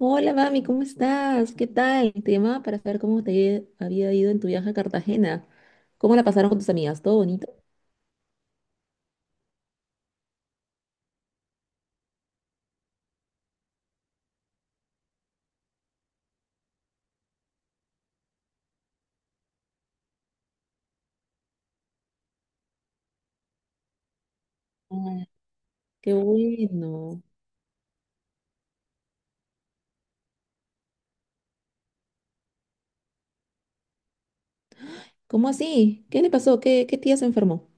Hola, mami, ¿cómo estás? ¿Qué tal? Te llamaba para saber cómo te había ido en tu viaje a Cartagena. ¿Cómo la pasaron con tus amigas? ¿Todo bonito? Ay, qué bueno. ¿Cómo así? ¿Qué le pasó? ¿Qué tía se enfermó?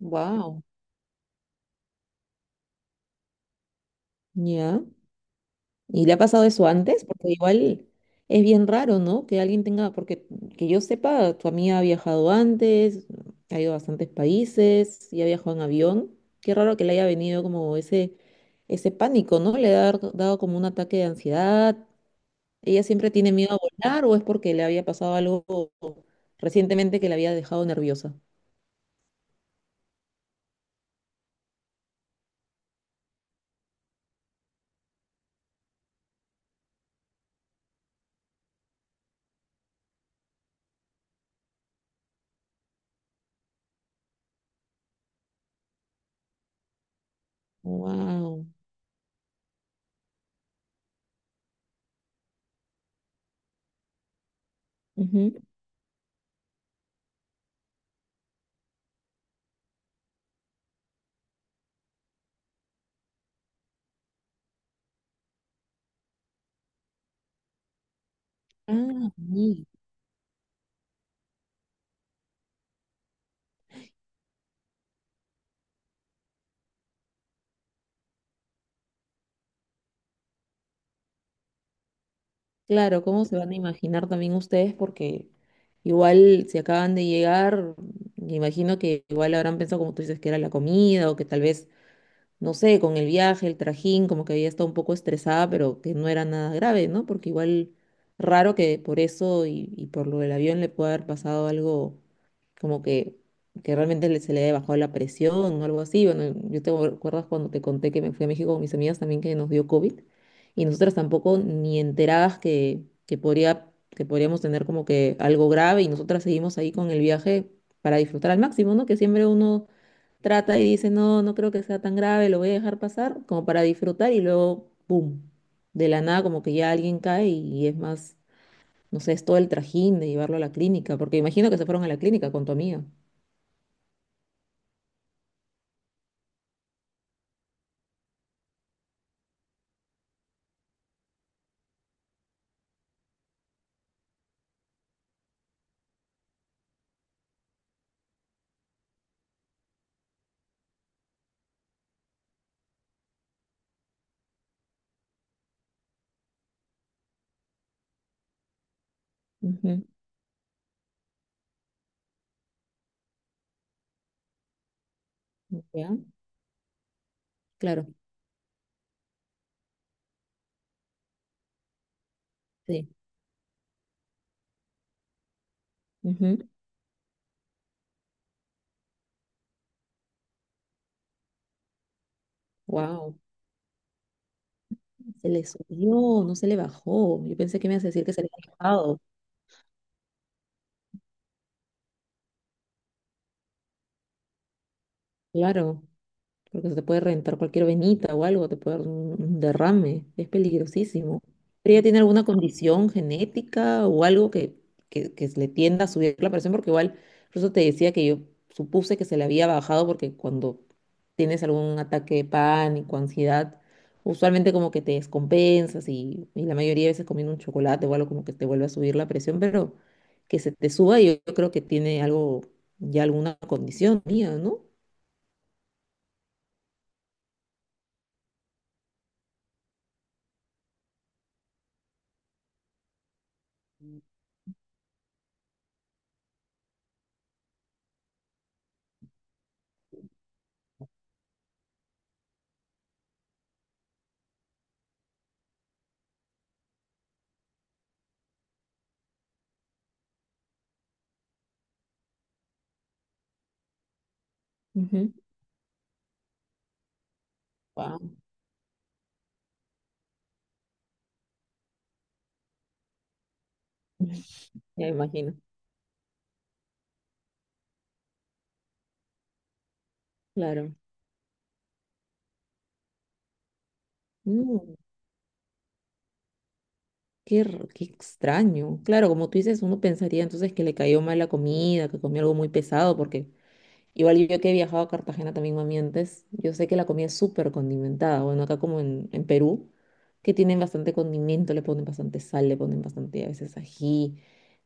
Wow. ¿Ya? ¿Y le ha pasado eso antes? Porque igual es bien raro, ¿no? Que alguien tenga, porque que yo sepa, tu amiga ha viajado antes, ha ido a bastantes países y ha viajado en avión. Qué raro que le haya venido como ese pánico, ¿no? Le ha dado como un ataque de ansiedad. ¿Ella siempre tiene miedo a volar o es porque le había pasado algo recientemente que la había dejado nerviosa? Wow. Ah, claro, ¿cómo se van a imaginar también ustedes? Porque igual si acaban de llegar, me imagino que igual habrán pensado, como tú dices, que era la comida o que tal vez no sé, con el viaje, el trajín, como que había estado un poco estresada, pero que no era nada grave, ¿no? Porque igual raro que por eso y por lo del avión le pueda haber pasado algo como que realmente se le haya bajado la presión o algo así. Bueno, yo te acuerdas cuando te conté que me fui a México con mis amigas también que nos dio COVID y nosotras tampoco ni enteradas que podría, que podríamos tener como que algo grave y nosotras seguimos ahí con el viaje para disfrutar al máximo, ¿no? Que siempre uno trata y dice, no, no creo que sea tan grave, lo voy a dejar pasar, como para disfrutar y luego, ¡pum! De la nada como que ya alguien cae y es más, no sé, es todo el trajín de llevarlo a la clínica, porque imagino que se fueron a la clínica con tu amiga. Ujú. ¿Ya? Claro, sí. Wow, se le subió, no se le bajó. Yo pensé que me ibas a decir que se le había bajado. Claro, porque se te puede reventar cualquier venita o algo, te puede dar un derrame, es peligrosísimo. Pero ella tiene alguna condición genética o algo que le tienda a subir la presión, porque igual, por eso te decía que yo supuse que se le había bajado, porque cuando tienes algún ataque de pánico, ansiedad, usualmente como que te descompensas y la mayoría de veces comiendo un chocolate o algo como que te vuelve a subir la presión, pero que se te suba, yo creo que tiene algo, ya alguna condición mía, ¿no? Ujú. Guau. Ya imagino, claro. Mm, qué, qué extraño. Claro, como tú dices, uno pensaría entonces que le cayó mal la comida, que comió algo muy pesado, porque igual yo que he viajado a Cartagena también, mami, antes, yo sé que la comida es súper condimentada. Bueno, acá como en Perú, que tienen bastante condimento, le ponen bastante sal, le ponen bastante a veces ají,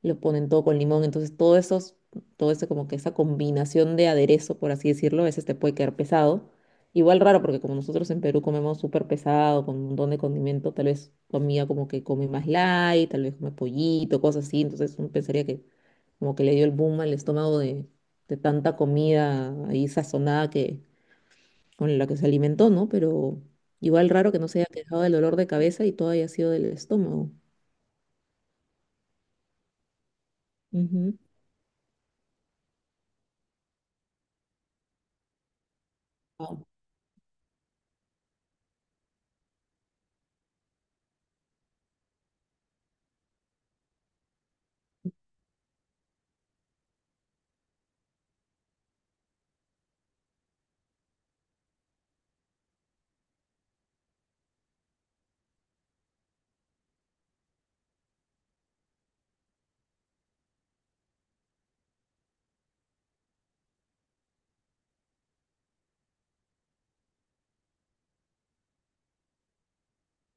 lo ponen todo con limón. Entonces, todo esos, todo eso como que esa combinación de aderezo, por así decirlo, a veces te puede quedar pesado. Igual raro, porque como nosotros en Perú comemos súper pesado, con un montón de condimento, tal vez tu amiga como que come más light, tal vez come pollito, cosas así. Entonces, uno pensaría que como que le dio el boom al estómago de tanta comida ahí sazonada que, con la que se alimentó, ¿no? Pero igual raro que no se haya quejado del dolor de cabeza y todo haya sido del estómago. Ujú. Wao.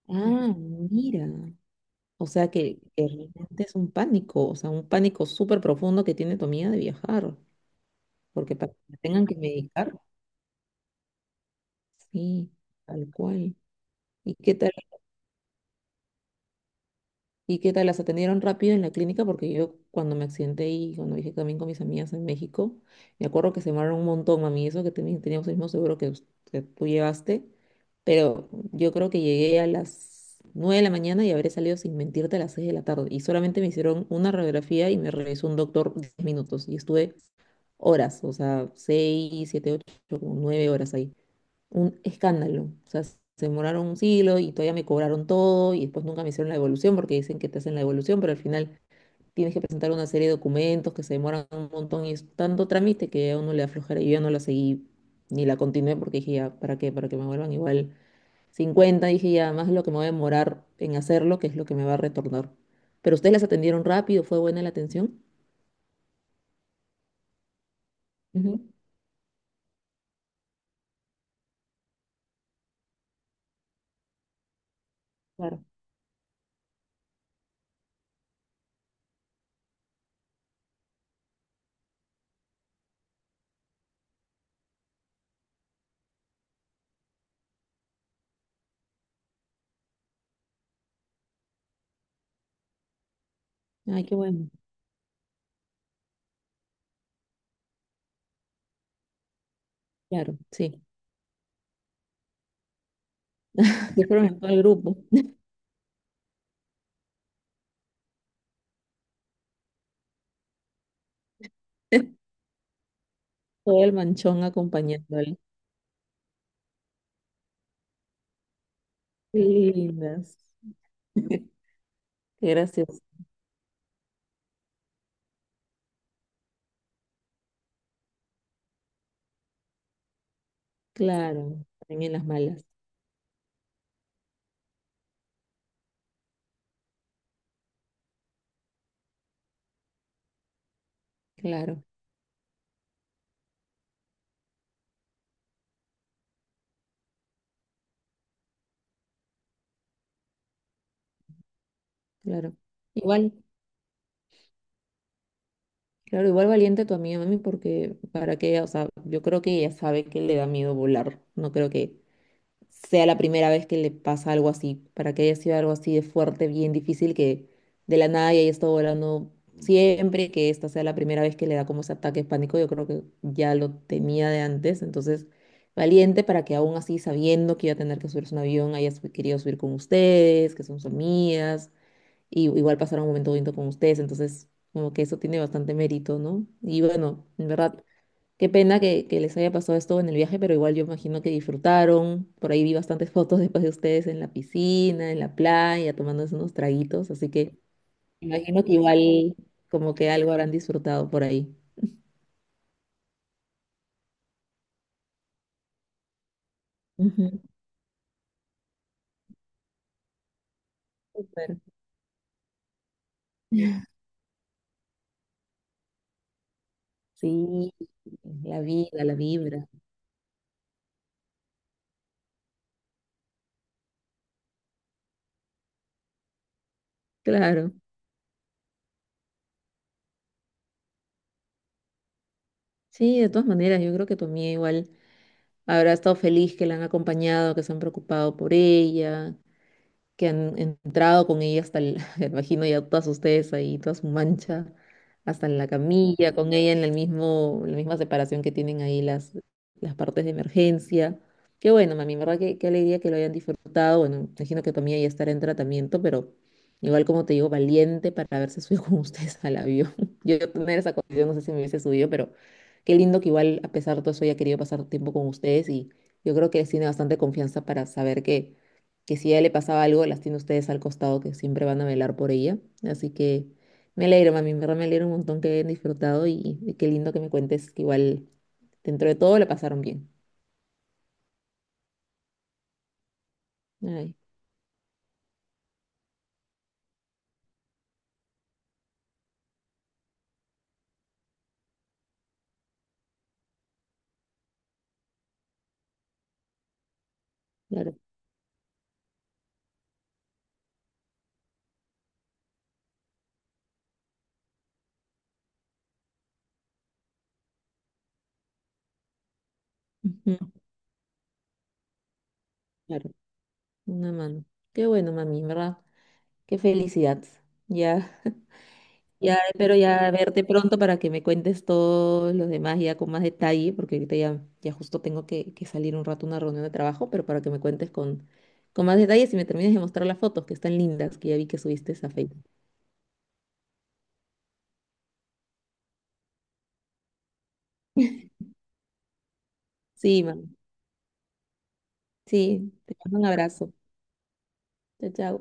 Ah, mira. O sea que realmente es un pánico, o sea, un pánico súper profundo que tiene tu amiga de viajar, porque para que la tengan que medicar, sí, tal cual. ¿Y qué tal? ¿Y qué tal? ¿Las atendieron rápido en la clínica? Porque yo cuando me accidenté y cuando viajé también con mis amigas en México, me acuerdo que se demoraron un montón, mami, eso que teníamos el mismo seguro que, que tú llevaste, pero yo creo que llegué a las 9 de la mañana y habré salido sin mentirte a las 6 de la tarde. Y solamente me hicieron una radiografía y me revisó un doctor 10 minutos y estuve horas, o sea, 6 7 8 como 9 horas ahí un escándalo. O sea, se demoraron un siglo y todavía me cobraron todo y después nunca me hicieron la devolución porque dicen que te hacen la devolución, pero al final tienes que presentar una serie de documentos que se demoran un montón y es tanto trámite que a uno le aflojera. Yo ya no la seguí ni la continué porque dije ya, ¿para qué? Para que me vuelvan igual 50 dije ya, más lo que me voy a demorar en hacerlo, que es lo que me va a retornar. Pero ustedes las atendieron rápido, ¿fue buena la atención? Ujú, claro. Ay, qué bueno. Claro, sí. Se fueron en todo el grupo, todo el manchón acompañando. Qué lindas. Qué gracioso. Claro, también en las malas. Claro, claro. Igual, claro, igual valiente tu amiga, mami, porque para que o sea, yo creo que ella sabe que le da miedo volar. No creo que sea la primera vez que le pasa algo así, para que haya sido algo así de fuerte, bien difícil, que de la nada y haya estado volando siempre, que esta sea la primera vez que le da como ese ataque de pánico, yo creo que ya lo tenía de antes, entonces valiente para que aún así, sabiendo que iba a tener que subirse a un avión, haya querido subir con ustedes, que son sus amigas, y igual pasar un momento bonito con ustedes, entonces como que eso tiene bastante mérito, ¿no? Y bueno, en verdad, qué pena que les haya pasado esto en el viaje, pero igual yo imagino que disfrutaron. Por ahí vi bastantes fotos después de ustedes en la piscina, en la playa, tomándose unos traguitos, así que imagino que igual como que algo habrán disfrutado por ahí. Ujú, súper. Sí, la vida, la vibra. Claro. Sí, de todas maneras, yo creo que tu amiga igual habrá estado feliz que la han acompañado, que se han preocupado por ella, que han entrado con ella hasta el, me imagino ya todas ustedes ahí, toda su mancha, hasta en la camilla, con ella en el mismo, la misma separación que tienen ahí las partes de emergencia. Qué bueno, mami, en verdad que qué alegría que lo hayan disfrutado. Bueno, me imagino que tu amiga ya estará en tratamiento, pero igual como te digo, valiente para haberse subido con ustedes al avión. Yo tener esa condición, no sé si me hubiese subido, pero qué lindo que igual a pesar de todo eso haya querido pasar tiempo con ustedes y yo creo que les tiene bastante confianza para saber que si a ella le pasaba algo, las tiene ustedes al costado, que siempre van a velar por ella. Así que me alegro, mami, en verdad me alegro un montón que hayan disfrutado y qué lindo que me cuentes que igual dentro de todo la pasaron bien. Ay, claro, ujú, claro, una mano. Qué bueno, mami, en verdad, qué felicidad. Ya. Ya espero ya verte pronto para que me cuentes todos los demás ya con más detalle, porque ahorita ya, ya justo tengo que salir un rato a una reunión de trabajo, pero para que me cuentes con más detalles y me termines de mostrar las fotos que están lindas, que ya vi que subiste a Facebook. Sí, man. Sí, te mando un abrazo. Chao, chao.